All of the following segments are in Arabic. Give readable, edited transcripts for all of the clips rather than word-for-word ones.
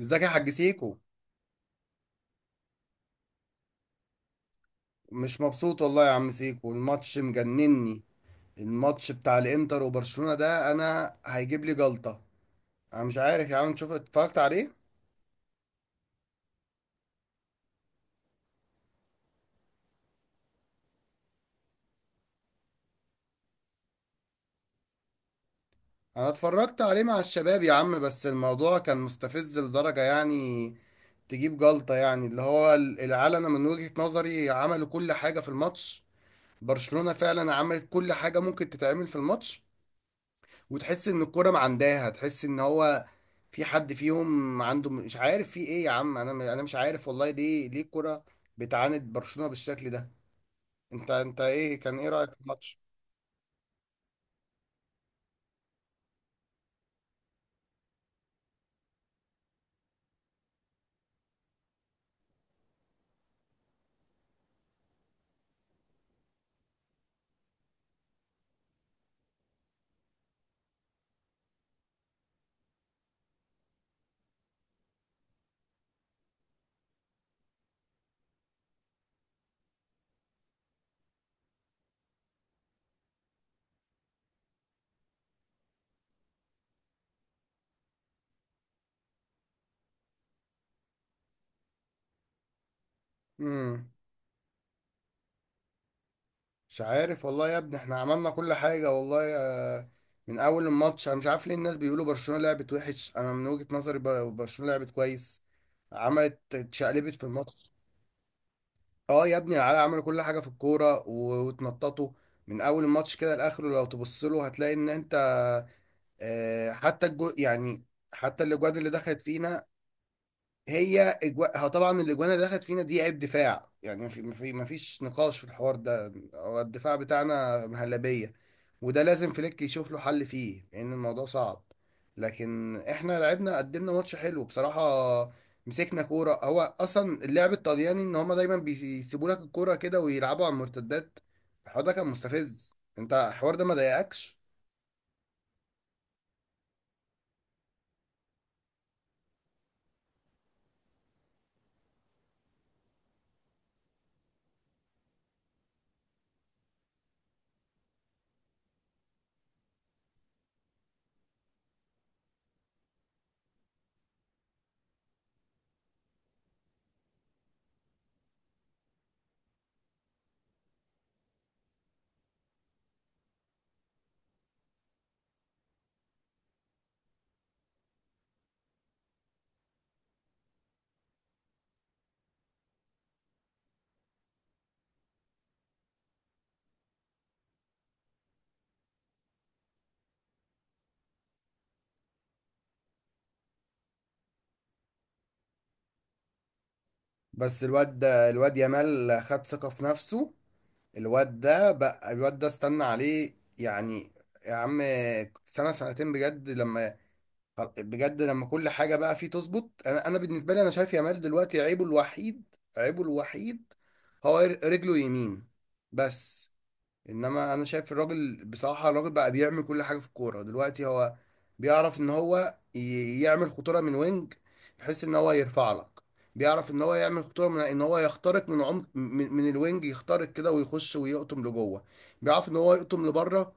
ازيك يا حاج سيكو؟ مش مبسوط والله يا عم سيكو، الماتش مجنني. الماتش بتاع الانتر وبرشلونة ده انا هيجيب لي جلطة. انا مش عارف يا عم، تشوف اتفرجت عليه؟ انا اتفرجت عليه مع الشباب يا عم، بس الموضوع كان مستفز لدرجة يعني تجيب جلطة. يعني اللي هو العيال انا من وجهة نظري عملوا كل حاجة في الماتش. برشلونة فعلا عملت كل حاجة ممكن تتعمل في الماتش، وتحس ان الكوره معنداها، تحس ان هو في حد فيهم عنده، مش عارف في ايه يا عم. انا مش عارف والله ليه، ليه الكوره بتعاند برشلونه بالشكل ده. انت ايه، كان ايه رايك في الماتش؟ امم مش عارف والله يا ابني، احنا عملنا كل حاجه والله. من اول الماتش انا مش عارف ليه الناس بيقولوا برشلونه لعبت وحش. انا من وجهه نظري برشلونه لعبت كويس، عملت، اتشقلبت في الماتش. اه يا ابني، العيال عملوا كل حاجه في الكوره واتنططوا. من اول الماتش كده لاخره لو تبص له هتلاقي ان انت، حتى الجو يعني، حتى الاجواد اللي دخلت فينا، هو طبعا الاجوان اللي دخلت فينا دي عيب دفاع يعني، ما فيش نقاش في الحوار ده، هو الدفاع بتاعنا مهلبيه. وده لازم فليك يشوف له حل فيه، لان الموضوع صعب. لكن احنا لعبنا، قدمنا ماتش حلو بصراحه. مسكنا كوره. هو اصلا اللعب الطلياني ان هما دايما بيسيبوا لك الكوره كده ويلعبوا على المرتدات. الحوار ده كان مستفز، انت الحوار ده ما ضايقكش؟ بس الواد يامال خد ثقه في نفسه. الواد ده بقى، الواد ده استنى عليه يعني، يا عم سنة سنتين بجد لما، بجد لما كل حاجة بقى فيه تظبط. انا بالنسبة لي انا شايف يامال دلوقتي عيبه الوحيد، عيبه الوحيد هو رجله يمين بس. انما انا شايف الراجل بصراحه، الراجل بقى بيعمل كل حاجه في الكوره دلوقتي. هو بيعرف ان هو يعمل خطوره من وينج، بحيث ان هو يرفع لك. بيعرف ان هو يعمل خطوره من ان هو يخترق من عمق، من الوينج، يخترق كده ويخش ويقطم لجوه. بيعرف ان هو يقطم لبره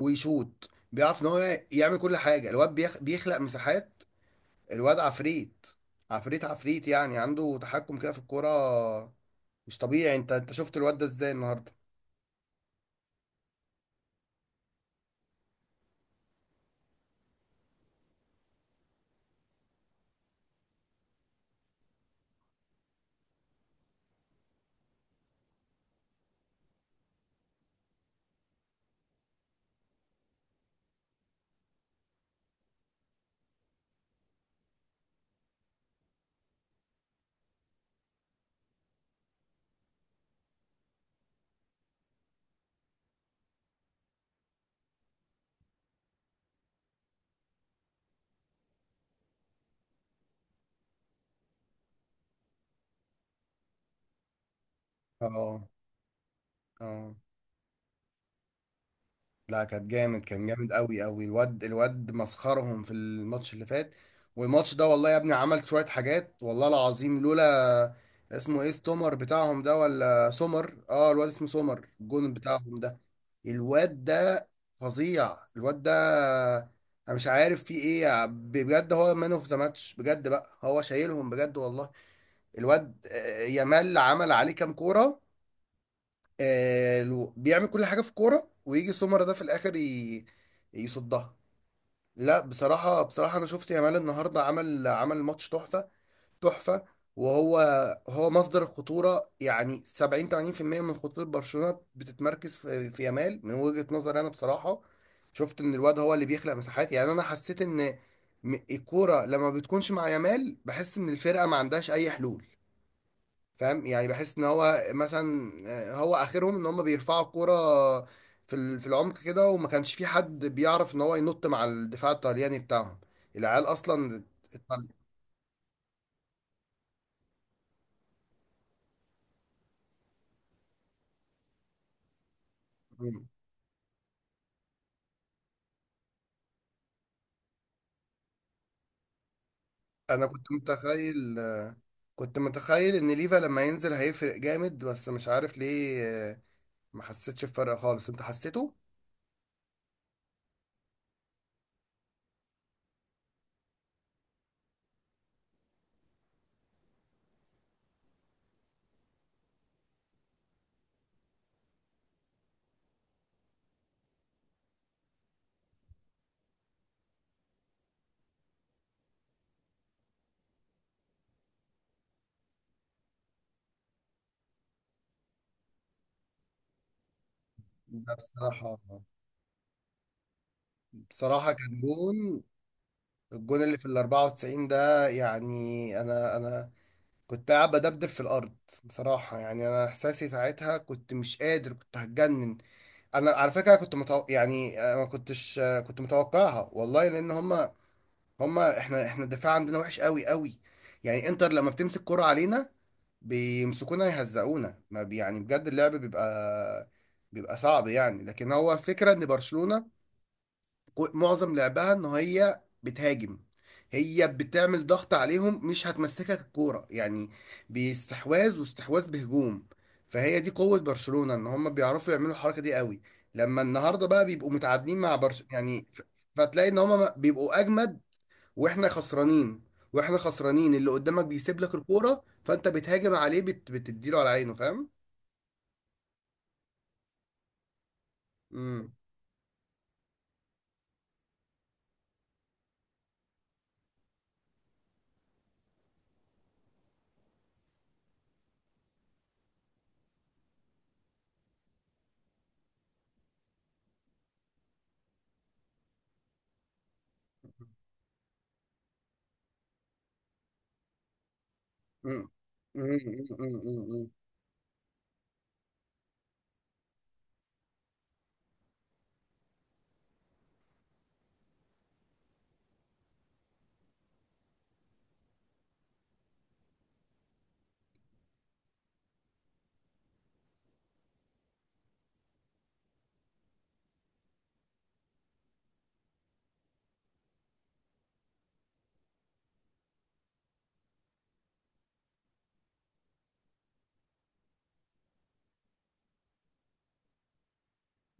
ويشوط. بيعرف ان هو يعمل كل حاجه. الواد بيخلق مساحات. الواد عفريت، عفريت يعني. عنده تحكم كده في الكوره مش طبيعي. انت شفت الواد ده ازاي النهارده؟ اه، اه، لا كان جامد، كان جامد قوي قوي. الواد مسخرهم في الماتش اللي فات. والماتش ده والله يا ابني عمل شوية حاجات، والله العظيم لولا، اسمه ايه ستومر بتاعهم ده ولا سومر، اه الواد اسمه سومر، الجون بتاعهم ده، الواد ده فظيع الواد ده. انا مش عارف فيه ايه بجد، هو مان اوف ذا ماتش بجد بقى، هو شايلهم بجد والله. الواد يامال عمل عليه كام كورة. بيعمل كل حاجه في كوره، ويجي سمر ده في الاخر يصدها. لا بصراحه، بصراحه انا شفت يامال النهارده عمل ماتش تحفه، تحفه. وهو، هو مصدر الخطوره، يعني 70 80% من خطوره برشلونه بتتمركز في يامال، من وجهه نظري انا بصراحه. شفت ان الواد هو اللي بيخلق مساحات يعني. انا حسيت ان الكوره لما بتكونش مع يامال بحس ان الفرقه ما عندهاش اي حلول، فاهم يعني. بحس ان هو مثلا هو اخرهم ان هم بيرفعوا الكوره في في العمق كده، وما كانش في حد بيعرف ان هو ينط مع الدفاع الطلياني بتاعهم. العيال اصلا الطل- انا كنت متخيل، كنت متخيل ان ليفا لما ينزل هيفرق جامد، بس مش عارف ليه ما حسيتش بفرق خالص. انت حسيته؟ ده بصراحة، بصراحة كان جون. الجون اللي في ال 94 ده يعني، انا كنت قاعد بدبدب في الارض بصراحه يعني. انا احساسي ساعتها كنت مش قادر، كنت هتجنن. انا على فكره يعني آه، ما كنتش آه، كنت متوقعها والله، لان هما احنا الدفاع عندنا وحش قوي قوي. يعني انتر لما بتمسك كرة علينا بيمسكونا يهزقونا، ما بي... يعني بجد اللعب بيبقى، بيبقى صعب يعني. لكن هو فكره ان برشلونه معظم لعبها ان هي بتهاجم، هي بتعمل ضغط عليهم، مش هتمسكك الكوره يعني، باستحواذ واستحواذ بهجوم. فهي دي قوه برشلونه، ان هم بيعرفوا يعملوا الحركه دي قوي. لما النهارده بقى بيبقوا متعادلين مع برشلونه يعني فتلاقي ان هم بيبقوا اجمد واحنا خسرانين. واحنا خسرانين، اللي قدامك بيسيب لك الكوره فانت بتهاجم عليه، بتديله على عينه فاهم. امم امم امم امم. امم.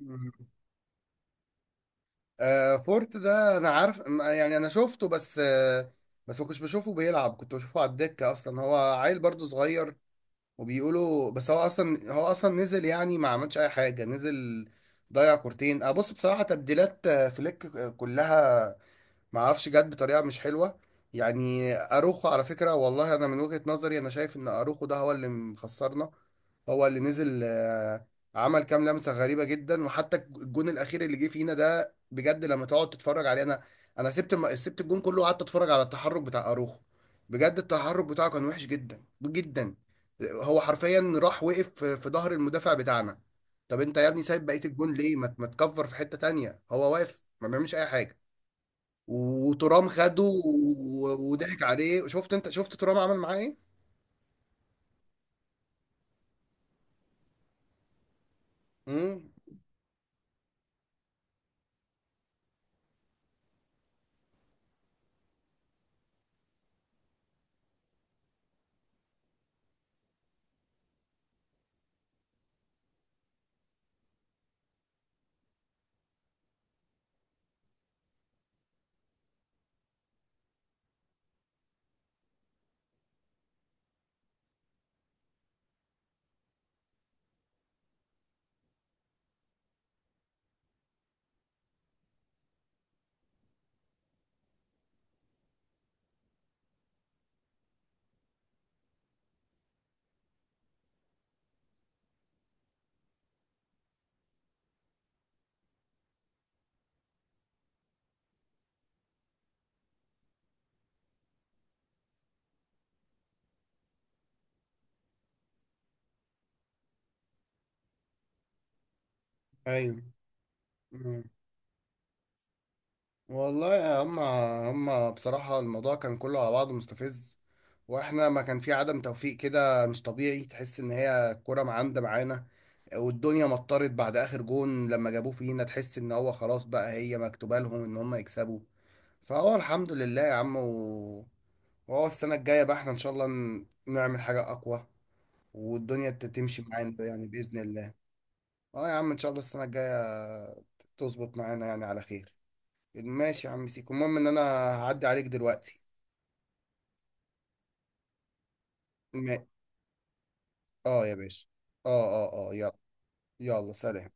امم. آه فورت ده انا عارف، يعني انا شفته بس آه، بس ما كنتش بشوفه بيلعب، كنت بشوفه على الدكة اصلا. هو عيل برضه صغير وبيقولوا، بس هو اصلا نزل يعني، ما عملش اي حاجة، نزل ضيع كورتين آه. بص بصراحة تبديلات فليك كلها ما اعرفش جت بطريقه مش حلوه يعني. اروخو على فكره والله، انا من وجهه نظري انا شايف ان اروخو ده هو اللي مخسرنا. هو اللي نزل عمل كام لمسه غريبه جدا. وحتى الجون الاخير اللي جه فينا ده بجد لما تقعد تتفرج عليه، انا سبت الجون كله وقعدت اتفرج على التحرك بتاع اروخو. بجد التحرك بتاعه كان وحش جدا جدا. هو حرفيا راح وقف في ظهر المدافع بتاعنا. طب انت يا ابني سايب بقيه الجون ليه؟ ما تكفر في حته تانية، هو واقف ما بيعملش اي حاجه. وترام خده وضحك عليه. شفت انت، شفت ترام عمل معاه ايه؟ امم. ايوه. مم. والله يا هم بصراحة الموضوع كان كله على بعضه مستفز. واحنا ما كان في عدم توفيق كده مش طبيعي، تحس ان هي الكرة معاندة معانا. والدنيا مطرت بعد اخر جون لما جابوه فينا، تحس ان هو خلاص بقى هي مكتوبة لهم ان هم يكسبوا. فهو الحمد لله يا عم، وهو السنة الجاية بقى احنا ان شاء الله نعمل حاجة اقوى، والدنيا تمشي معانا يعني بإذن الله. اه يا عم، ان شاء الله السنة الجاية تظبط معانا يعني على خير. ماشي يا عم سيكو، المهم ان انا هعدي عليك دلوقتي. ما- اه يا باشا. اه، اه، اه يلا. يلا سلام.